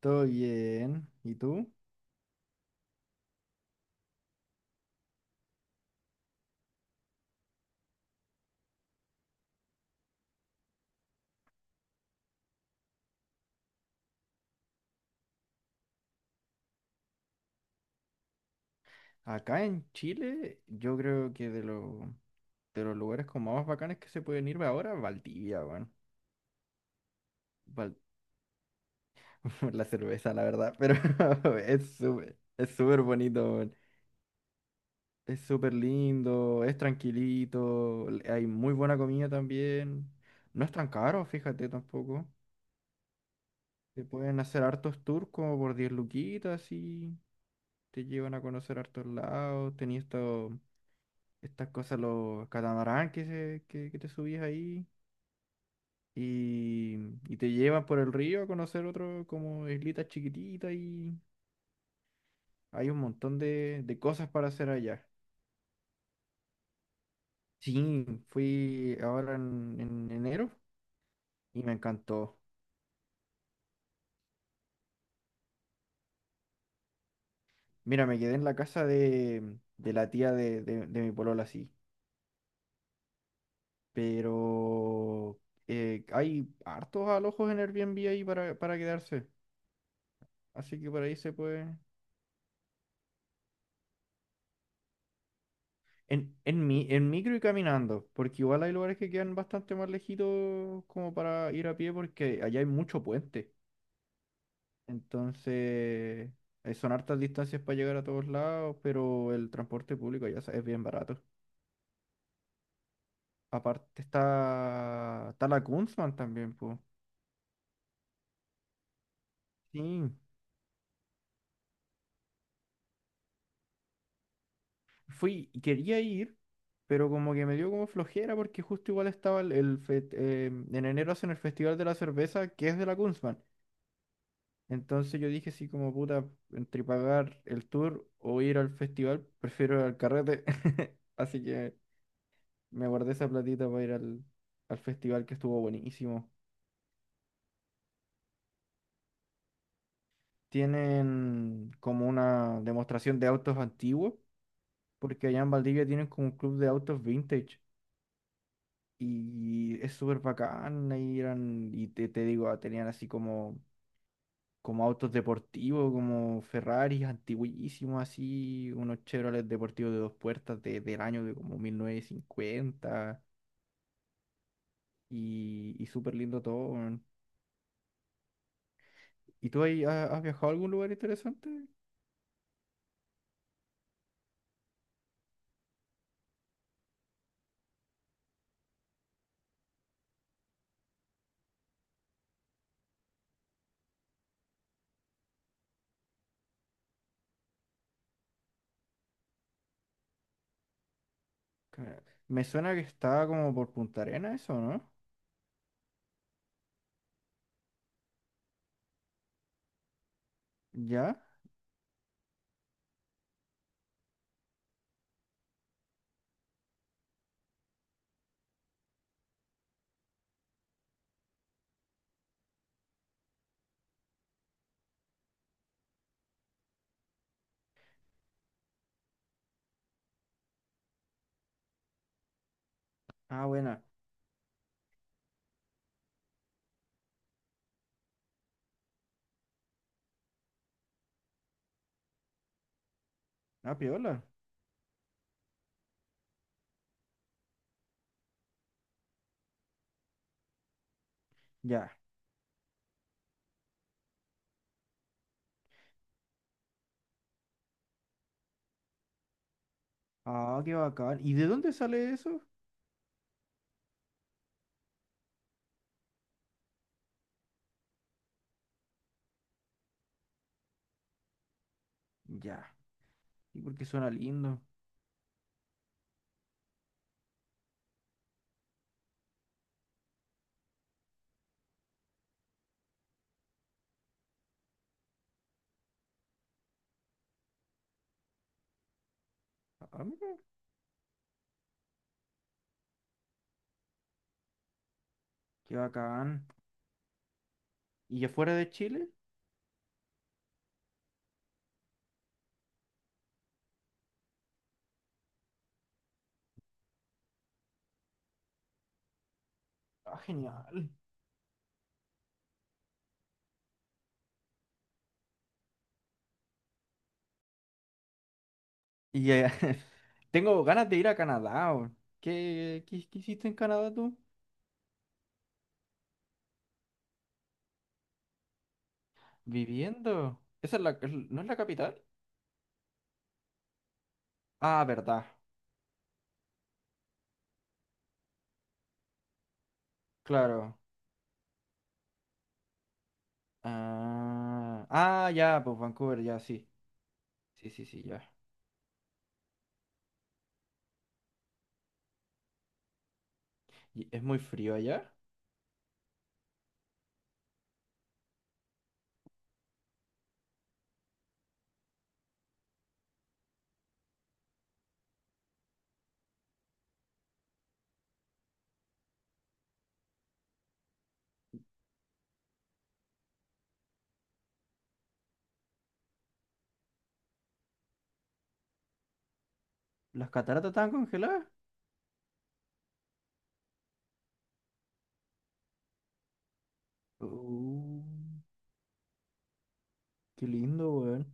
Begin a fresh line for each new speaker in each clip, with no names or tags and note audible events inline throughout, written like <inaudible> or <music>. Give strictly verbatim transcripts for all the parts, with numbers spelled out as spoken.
Todo bien. ¿Y tú? Acá en Chile, yo creo que de, lo- de los lugares como más bacanes que se pueden ir ahora, Valdivia, weón. Val- <laughs> La cerveza, la verdad, pero <laughs> es súper, es súper bonito, weón. Es súper lindo, es tranquilito, l- hay muy buena comida también. No es tan caro, fíjate tampoco. Te pueden hacer hartos tours como por diez luquitas y te llevan a conocer hartos lados. Tenías esto. Estas cosas, los catamarán que, se, que, que te subís ahí y, y te llevan por el río a conocer otro como islitas chiquititas y hay un montón de, de cosas para hacer allá. Sí, fui ahora en, en enero y me encantó. Mira, me quedé en la casa de, de la tía de, de, de mi polola, sí, pero eh, hay hartos alojos en Airbnb ahí para, para quedarse, así que por ahí se puede. En, en, mi, en micro y caminando, porque igual hay lugares que quedan bastante más lejitos como para ir a pie porque allá hay mucho puente. Entonces, eh, son hartas distancias para llegar a todos lados, pero el transporte público ya es bien barato. Aparte está, está la Kunzman también, pues. Sí, fui, quería ir, pero como que me dio como flojera porque justo igual estaba el, el fe- eh, en enero hacen el Festival de la Cerveza que es de la Kunzman. Entonces yo dije así como puta, entre pagar el tour o ir al festival, prefiero ir al carrete. <laughs> Así que me guardé esa platita para ir al, al festival que estuvo buenísimo. Tienen como una demostración de autos antiguos, porque allá en Valdivia tienen como un club de autos vintage. Y es súper bacán, ahí eran, y te, te digo, ah, tenían así como como autos deportivos, como Ferraris antiguísimos, así, unos Chevrolet deportivos de dos puertas de- del año de como mil novecientos cincuenta y, y súper lindo todo, weón. ¿Y tú ahí ha- has, viajado a algún lugar interesante? Ca- Me suena que estaba como por Punta Arenas eso, ¿no? ¿Ya? Ah, buena. Ah, piola. Ya. Ah, qué bacán. ¿Y de dónde sale eso? Ya. ¿Y por qué suena lindo? Ah, mira, qué bacán. ¿Y afuera de Chile? Ah, genial. Y eh, <laughs> tengo ganas de ir a Canadá, weón. ¿Qué, qué, qué hiciste en Canadá tú? Viviendo. ¿Esa es la, es- no es la capital? Ah, verdad. Claro. Ah, ah, ya, pues Vancouver, ya, sí. Sí, sí, sí, ya. ¿Y es muy frío allá? ¿Las cataratas están congeladas? Uh, qué lindo, weón.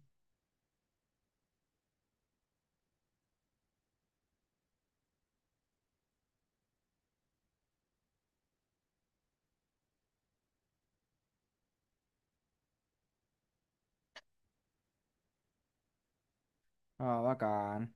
Ah, bacán.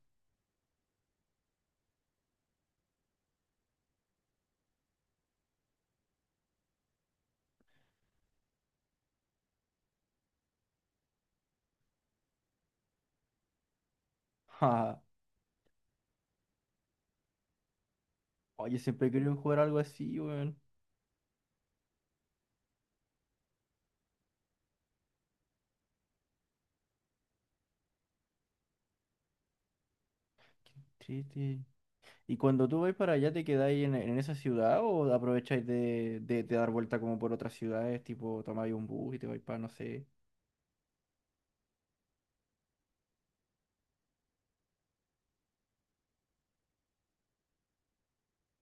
<laughs> Ja, ja. Oye, siempre he querido jugar algo así, weón. Qué triste. ¿Y cuando tú vais para allá, te quedáis en, en esa ciudad o aprovecháis de, de- de dar vuelta como por otras ciudades? Tipo, tomáis un bus y te vais para, no sé.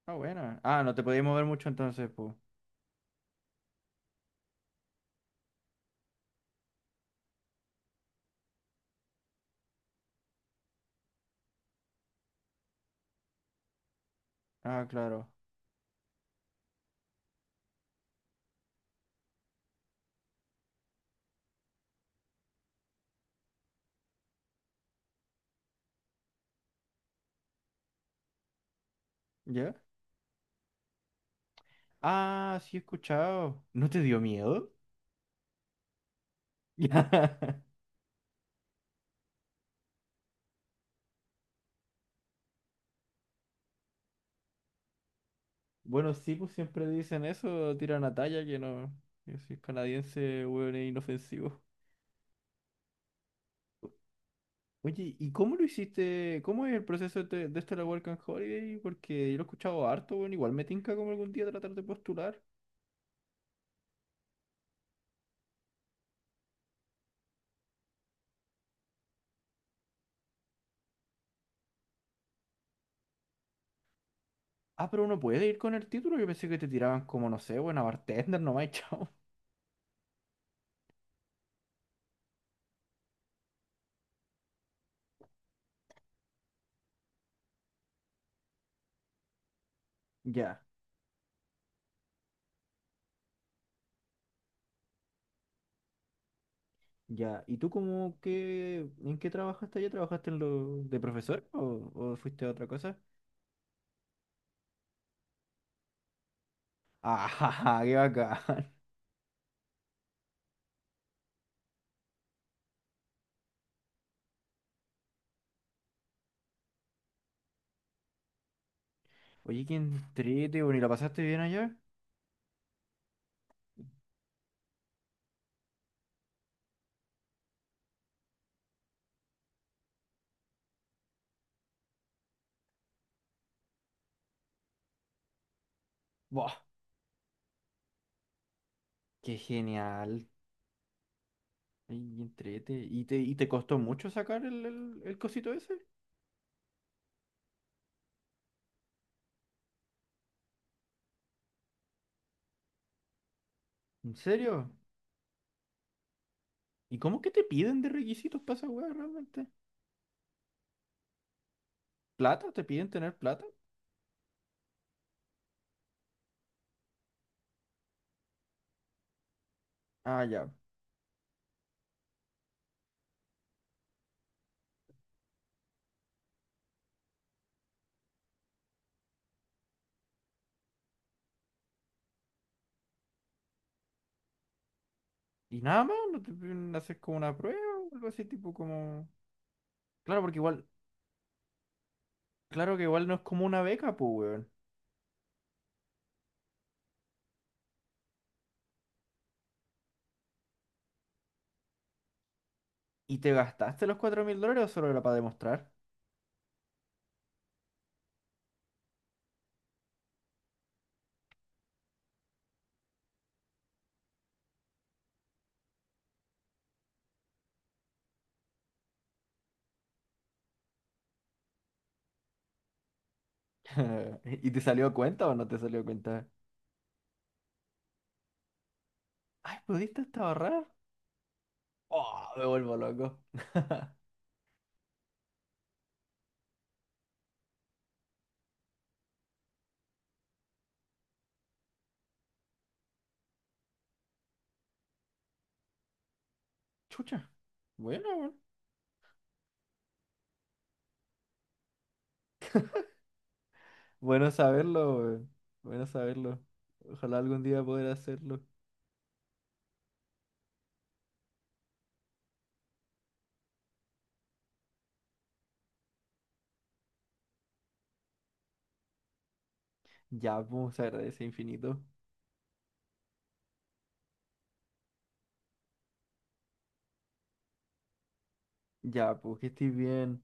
Ah, buena. Ah, no te podías mover mucho entonces, pues. Ah, claro. ¿Ya? Ah, sí he escuchado. ¿No te dio miedo? <laughs> Bueno, sí, pues siempre dicen eso, tiran a talla que no. Que si es canadiense, weón, es inofensivo. Oye, ¿y cómo lo hiciste? ¿Cómo es el proceso de, este- de esta la Work and Holiday? Porque yo lo he escuchado harto, bueno, igual me tinca como algún día tratar de postular. Ah, pero uno puede ir con el título. Yo pensé que te tiraban como, no sé, buena bartender nomás, y chao. Ya, ya. ¿Y tú cómo qué, en qué trabajaste allá? ¿Trabajaste en lo de profesor o, o fuiste a otra cosa? ¡Ah, <laughs> qué bacán! Oye, qué entrete, bueno, ¿y la pasaste bien allá? ¡Buah! ¡Qué genial! Ay, qué entrete. ¿Y te, y te costó mucho sacar el, el, el cosito ese? ¿En serio? ¿Y cómo que te piden de requisitos para esa weá realmente? ¿Plata? ¿Te piden tener plata? Ah, ya. Y nada más, no te piden hacer como una prueba o algo así, tipo como. Claro, porque igual, claro que igual no es como una beca, pues, weón. ¿Y te gastaste los cuatro mil dólares o solo era para demostrar? <laughs> ¿Y te salió a cuenta o no te salió a cuenta? Ay, ¿pudiste hasta ahorrar? Oh, me vuelvo loco. Chucha, bueno, weón. Bueno saberlo, weón. Bueno saberlo. Ojalá algún día poder hacerlo. Ya, pues, se agradece infinito. Ya, pues, que estés bien.